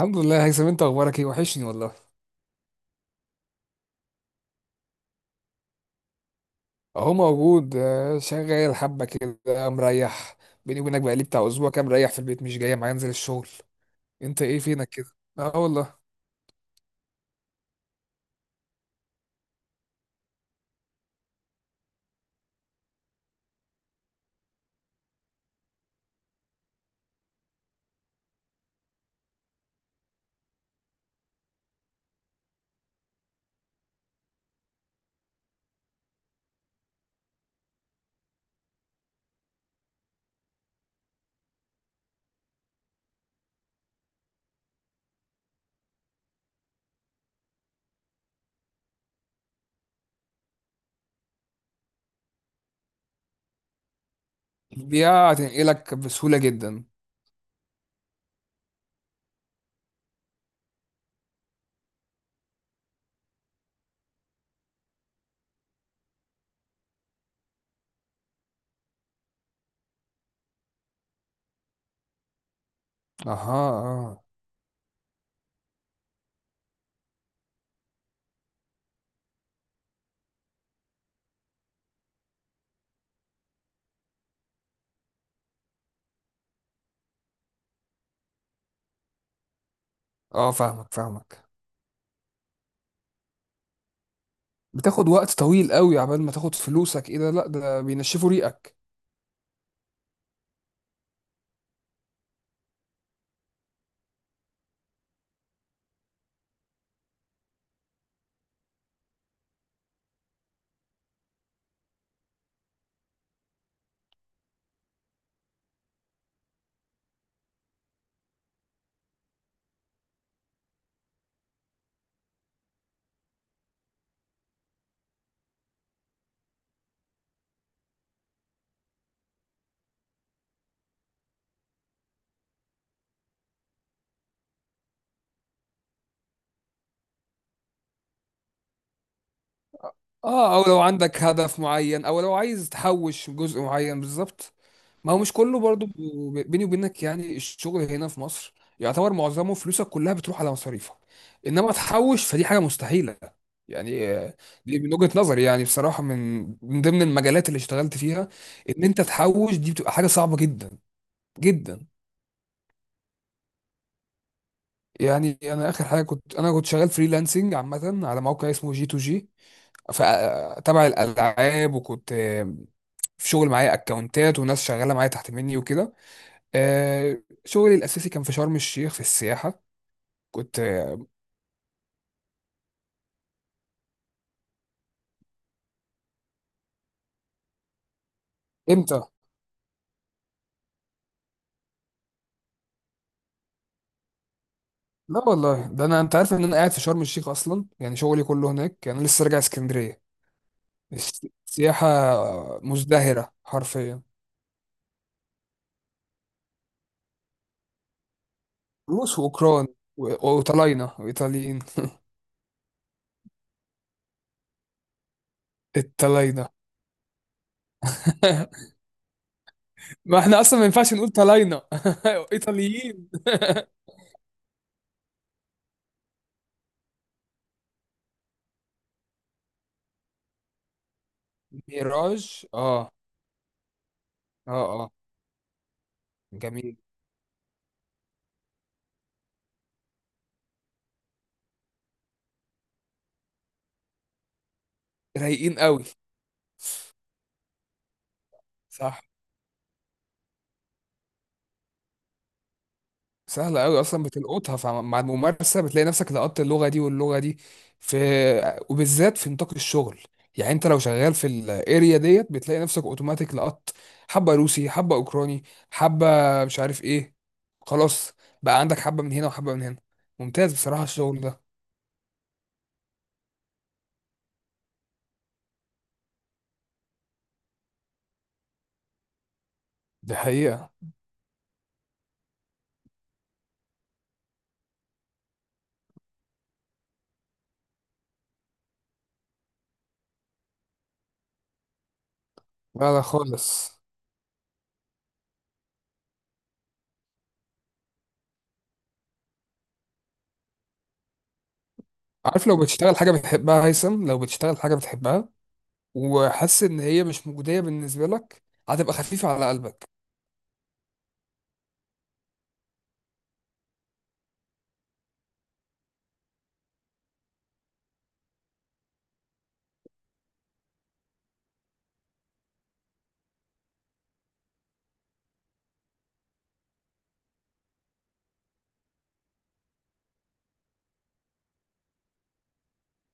الحمد لله يا هيثم، انت اخبارك ايه؟ وحشني والله. اهو موجود، شغال حبه كده مريح. بيني وبينك بقالي بتاع اسبوع كام مريح في البيت، مش جاي معايا انزل الشغل. انت ايه فينك كده؟ اه والله. دي هتنقلك بسهوله جدا. اها. اه. اه، فاهمك فاهمك. بتاخد وقت طويل قوي عبال ما تاخد فلوسك. ايه ده؟ لا ده بينشفوا ريقك. اه، او لو عندك هدف معين او لو عايز تحوش جزء معين بالظبط. ما هو مش كله برضو، بيني وبينك، يعني الشغل هنا في مصر يعتبر معظمه فلوسك كلها بتروح على مصاريفك. انما تحوش فدي حاجه مستحيله. يعني دي من وجهه نظري يعني، بصراحه، من ضمن المجالات اللي اشتغلت فيها ان انت تحوش دي بتبقى حاجه صعبه جدا جدا. يعني انا اخر حاجه كنت شغال فريلانسنج عامه على موقع اسمه جي تو جي تبع الالعاب، وكنت في شغل معايا اكونتات وناس شغاله معايا تحت مني وكده. آه، شغلي الاساسي كان في شرم الشيخ في السياحه. كنت امتى؟ لا والله، ده انا انت عارف ان انا قاعد في شرم الشيخ اصلا، يعني شغلي كله هناك، يعني انا لسه راجع اسكندريه. السياحه مزدهره حرفيا. روس واوكران، وطلاينه وايطاليين. الطلاينه ما احنا اصلا ما ينفعش نقول طلاينه ايطاليين ميراج، اه. اه اه. جميل. رايقين قوي. صح. سهلة أوي أصلا بتلقطها، فمع الممارسة بتلاقي نفسك لقطت اللغة دي واللغة دي. في، وبالذات في نطاق الشغل، يعني أنت لو شغال في الأريا ديت بتلاقي نفسك أوتوماتيك لقطت حبة روسي، حبة أوكراني، حبة مش عارف إيه. خلاص، بقى عندك حبة من هنا وحبة من هنا. ممتاز بصراحة الشغل ده. دي حقيقة. لا لا خالص. عارف، لو بتشتغل حاجة بتحبها هيثم، لو بتشتغل حاجة بتحبها وحاسس إن هي مش مجدية بالنسبة لك، هتبقى خفيفة على قلبك.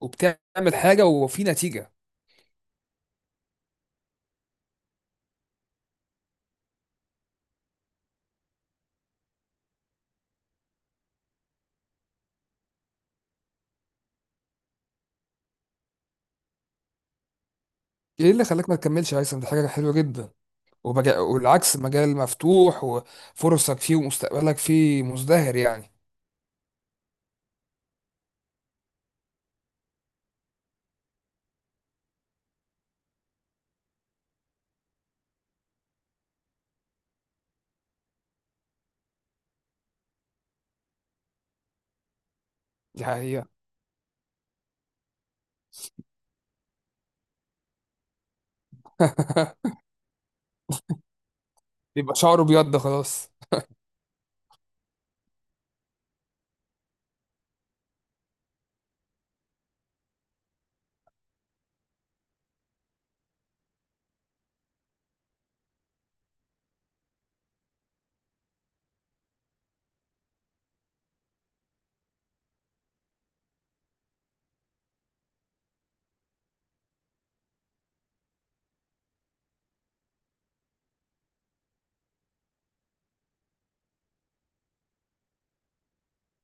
وبتعمل حاجه وفي نتيجه. ايه اللي خلاك ما تكملش يا هيثم؟ دي حاجه حلوه جدا. والعكس، مجال مفتوح وفرصك فيه ومستقبلك فيه مزدهر يعني. دي حقيقه. يبقى شعره ابيض، ده خلاص.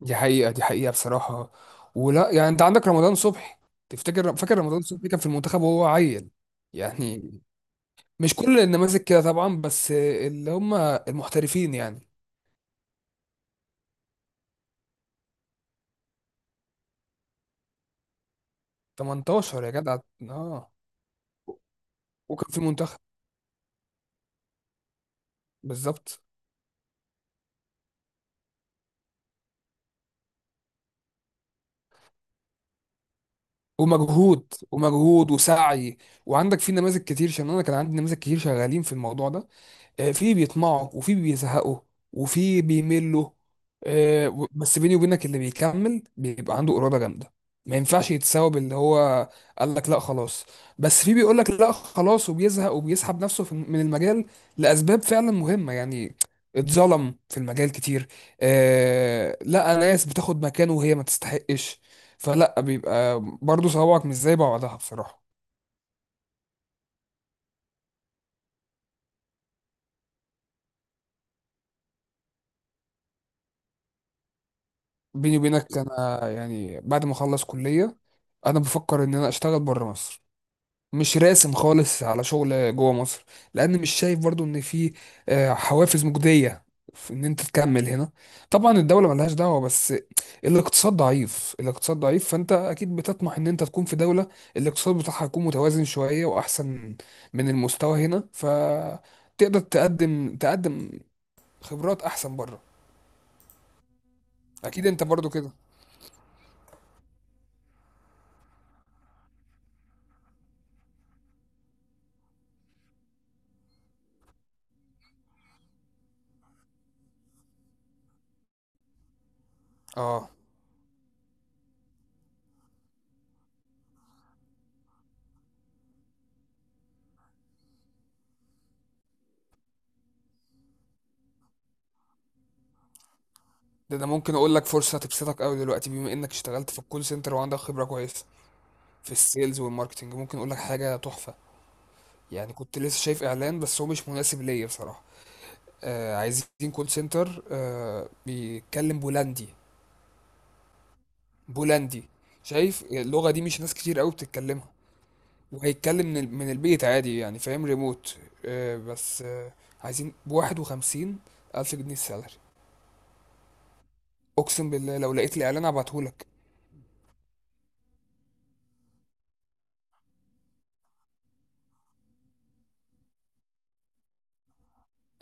دي حقيقه دي حقيقه بصراحه. ولا يعني انت عندك رمضان صبحي، تفتكر، فاكر رمضان صبحي كان في المنتخب وهو عيل؟ يعني مش كل النماذج كده طبعا، بس اللي هم المحترفين يعني. 18 يا جدع. اه، وكان في المنتخب. بالظبط. ومجهود ومجهود وسعي. وعندك في نماذج كتير، عشان انا كان عندي نماذج كتير شغالين في الموضوع ده، في بيطمعوا وفي بيزهقوا وفي بيملوا، بس بيني وبينك اللي بيكمل بيبقى عنده إرادة جامدة. ما ينفعش يتساوى باللي هو قال لك لا خلاص. بس في بيقول لك لا خلاص وبيزهق وبيسحب نفسه من المجال لأسباب فعلا مهمة، يعني اتظلم في المجال كتير. آه، لا ناس بتاخد مكانه وهي ما تستحقش، فلا بيبقى برضه صوابعك مش زي بعضها بصراحة. بيني وبينك انا يعني بعد ما اخلص كلية، انا بفكر ان انا اشتغل بره مصر. مش راسم خالص على شغل جوه مصر. لان مش شايف برضو ان في حوافز مجدية في ان انت تكمل هنا. طبعا الدولة ملهاش دعوة، بس الاقتصاد ضعيف، الاقتصاد ضعيف، فانت اكيد بتطمح ان انت تكون في دولة الاقتصاد بتاعها يكون متوازن شوية واحسن من المستوى هنا، فتقدر تقدم تقدم خبرات احسن بره. اكيد انت برضو كده. اه، ده انا ممكن اقول لك فرصه هتبسطك قوي دلوقتي، بما انك اشتغلت في الكول سنتر وعندك خبره كويسه في السيلز والماركتنج، ممكن اقول لك حاجه تحفه. يعني كنت لسه شايف اعلان، بس هو مش مناسب ليا بصراحه. آه، عايزين كول سنتر آه بيتكلم بولندي. بولندي. شايف اللغه دي مش ناس كتير قوي بتتكلمها. وهيتكلم من من البيت عادي، يعني فاهم، ريموت. آه بس آه عايزين بواحد وخمسين الف جنيه السالري. اقسم بالله لو لقيت الاعلان هبعتهولك.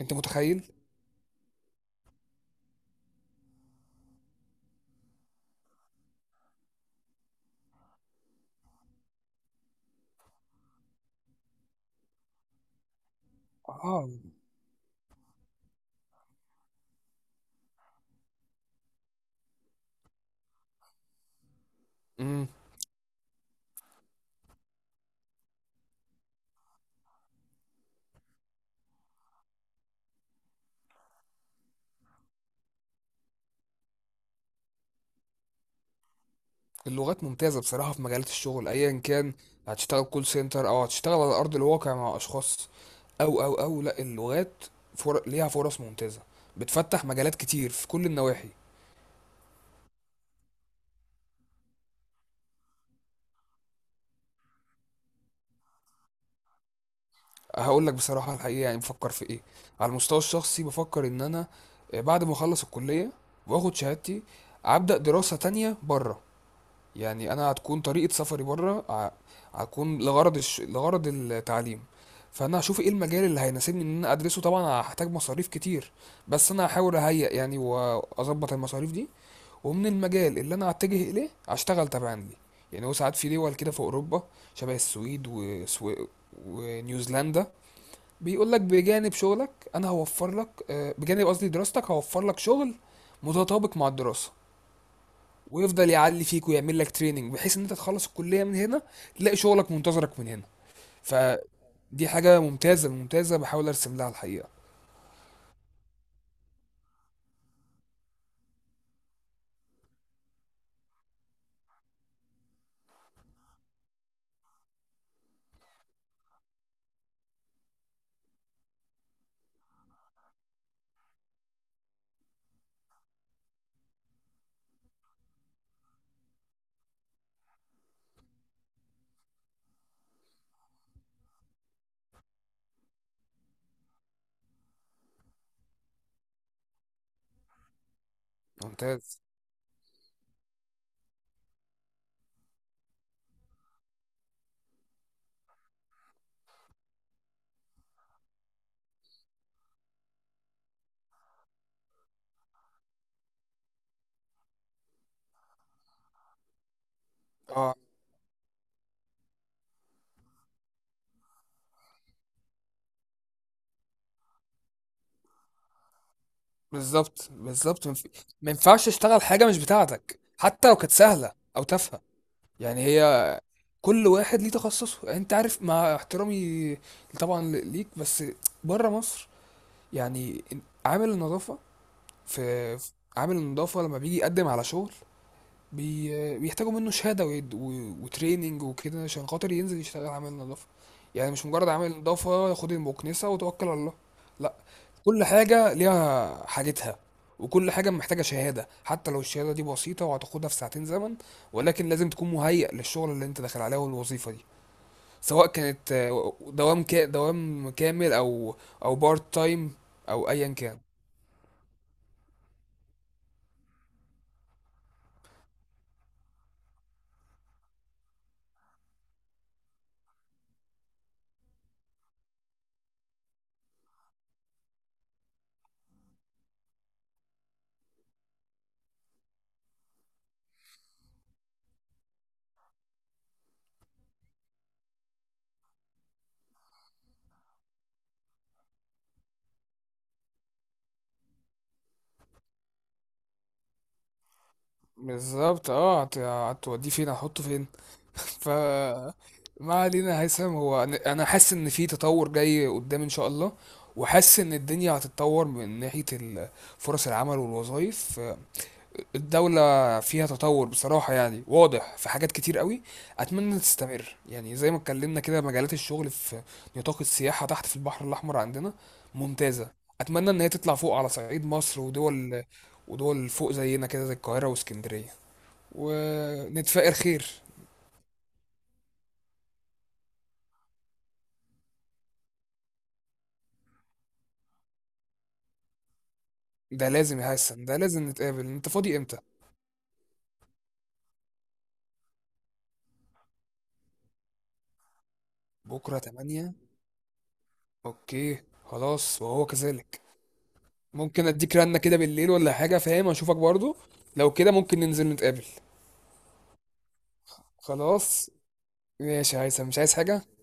انت متخيل؟ اه. اللغات ممتازة بصراحة في مجالات الشغل أيا كان، هتشتغل كول سنتر أو هتشتغل على أرض الواقع مع أشخاص، أو لأ اللغات ليها فرص ممتازة، بتفتح مجالات كتير في كل النواحي. هقول لك بصراحة الحقيقة، يعني بفكر في إيه؟ على المستوى الشخصي بفكر إن أنا بعد ما أخلص الكلية وآخد شهادتي، أبدأ دراسة تانية بره. يعني انا هتكون طريقه سفري بره هتكون لغرض لغرض التعليم. فانا هشوف ايه المجال اللي هيناسبني ان انا ادرسه. طبعا هحتاج مصاريف كتير، بس انا هحاول اهيئ يعني واظبط المصاريف دي، ومن المجال اللي انا هتجه اليه هشتغل تبعا ليه. يعني هو ساعات في دول كده في اوروبا، شبه السويد ونيوزيلندا، بيقول لك بجانب شغلك انا هوفر لك، بجانب قصدي دراستك هوفر لك شغل متطابق مع الدراسة، ويفضل يعلي فيك ويعمل لك تريننج، بحيث ان انت تخلص الكليه من هنا تلاقي شغلك منتظرك من هنا. فدي حاجه ممتازه ممتازه بحاول ارسم لها الحقيقه. ممتاز. اه. بالظبط بالظبط ما ينفعش تشتغل حاجه مش بتاعتك حتى لو كانت سهله او تافهه. يعني هي كل واحد ليه تخصصه، يعني انت عارف مع احترامي طبعا ليك، بس بره مصر يعني عامل النظافه في، عامل النظافه لما بيجي يقدم على شغل، بيحتاجوا منه شهادة وتريننج وكده، عشان خاطر ينزل يشتغل عامل نظافة. يعني مش مجرد عامل نظافة خد المكنسة وتوكل على الله، لا. كل حاجة ليها حاجتها، وكل حاجة محتاجة شهادة، حتى لو الشهادة دي بسيطة وهتاخدها في ساعتين زمن، ولكن لازم تكون مهيأ للشغل اللي انت داخل عليه والوظيفة دي، سواء كانت دوام دوام كامل او بارت تايم او ايا كان. بالظبط، اه، هتوديه فين؟ هتحطه فين؟ ف ما علينا هيثم. هو انا حاسس ان في تطور جاي قدام ان شاء الله، وحاسس ان الدنيا هتتطور من ناحية فرص العمل والوظائف. الدولة فيها تطور بصراحة، يعني واضح في حاجات كتير قوي. اتمنى تستمر. يعني زي ما اتكلمنا كده، مجالات الشغل في نطاق السياحة تحت في البحر الاحمر عندنا ممتازة. اتمنى ان هي تطلع فوق على صعيد مصر ودول، ودول فوق زينا كده زي القاهرة واسكندرية، ونتفائر خير. ده لازم يا حسن، ده لازم نتقابل. انت فاضي امتى؟ بكره 8. اوكي خلاص وهو كذلك. ممكن اديك رنه كده بالليل ولا حاجه، فاهم، اشوفك برضو، لو كده ممكن ننزل نتقابل. خلاص، ماشي يا هيثم، مش عايز حاجه.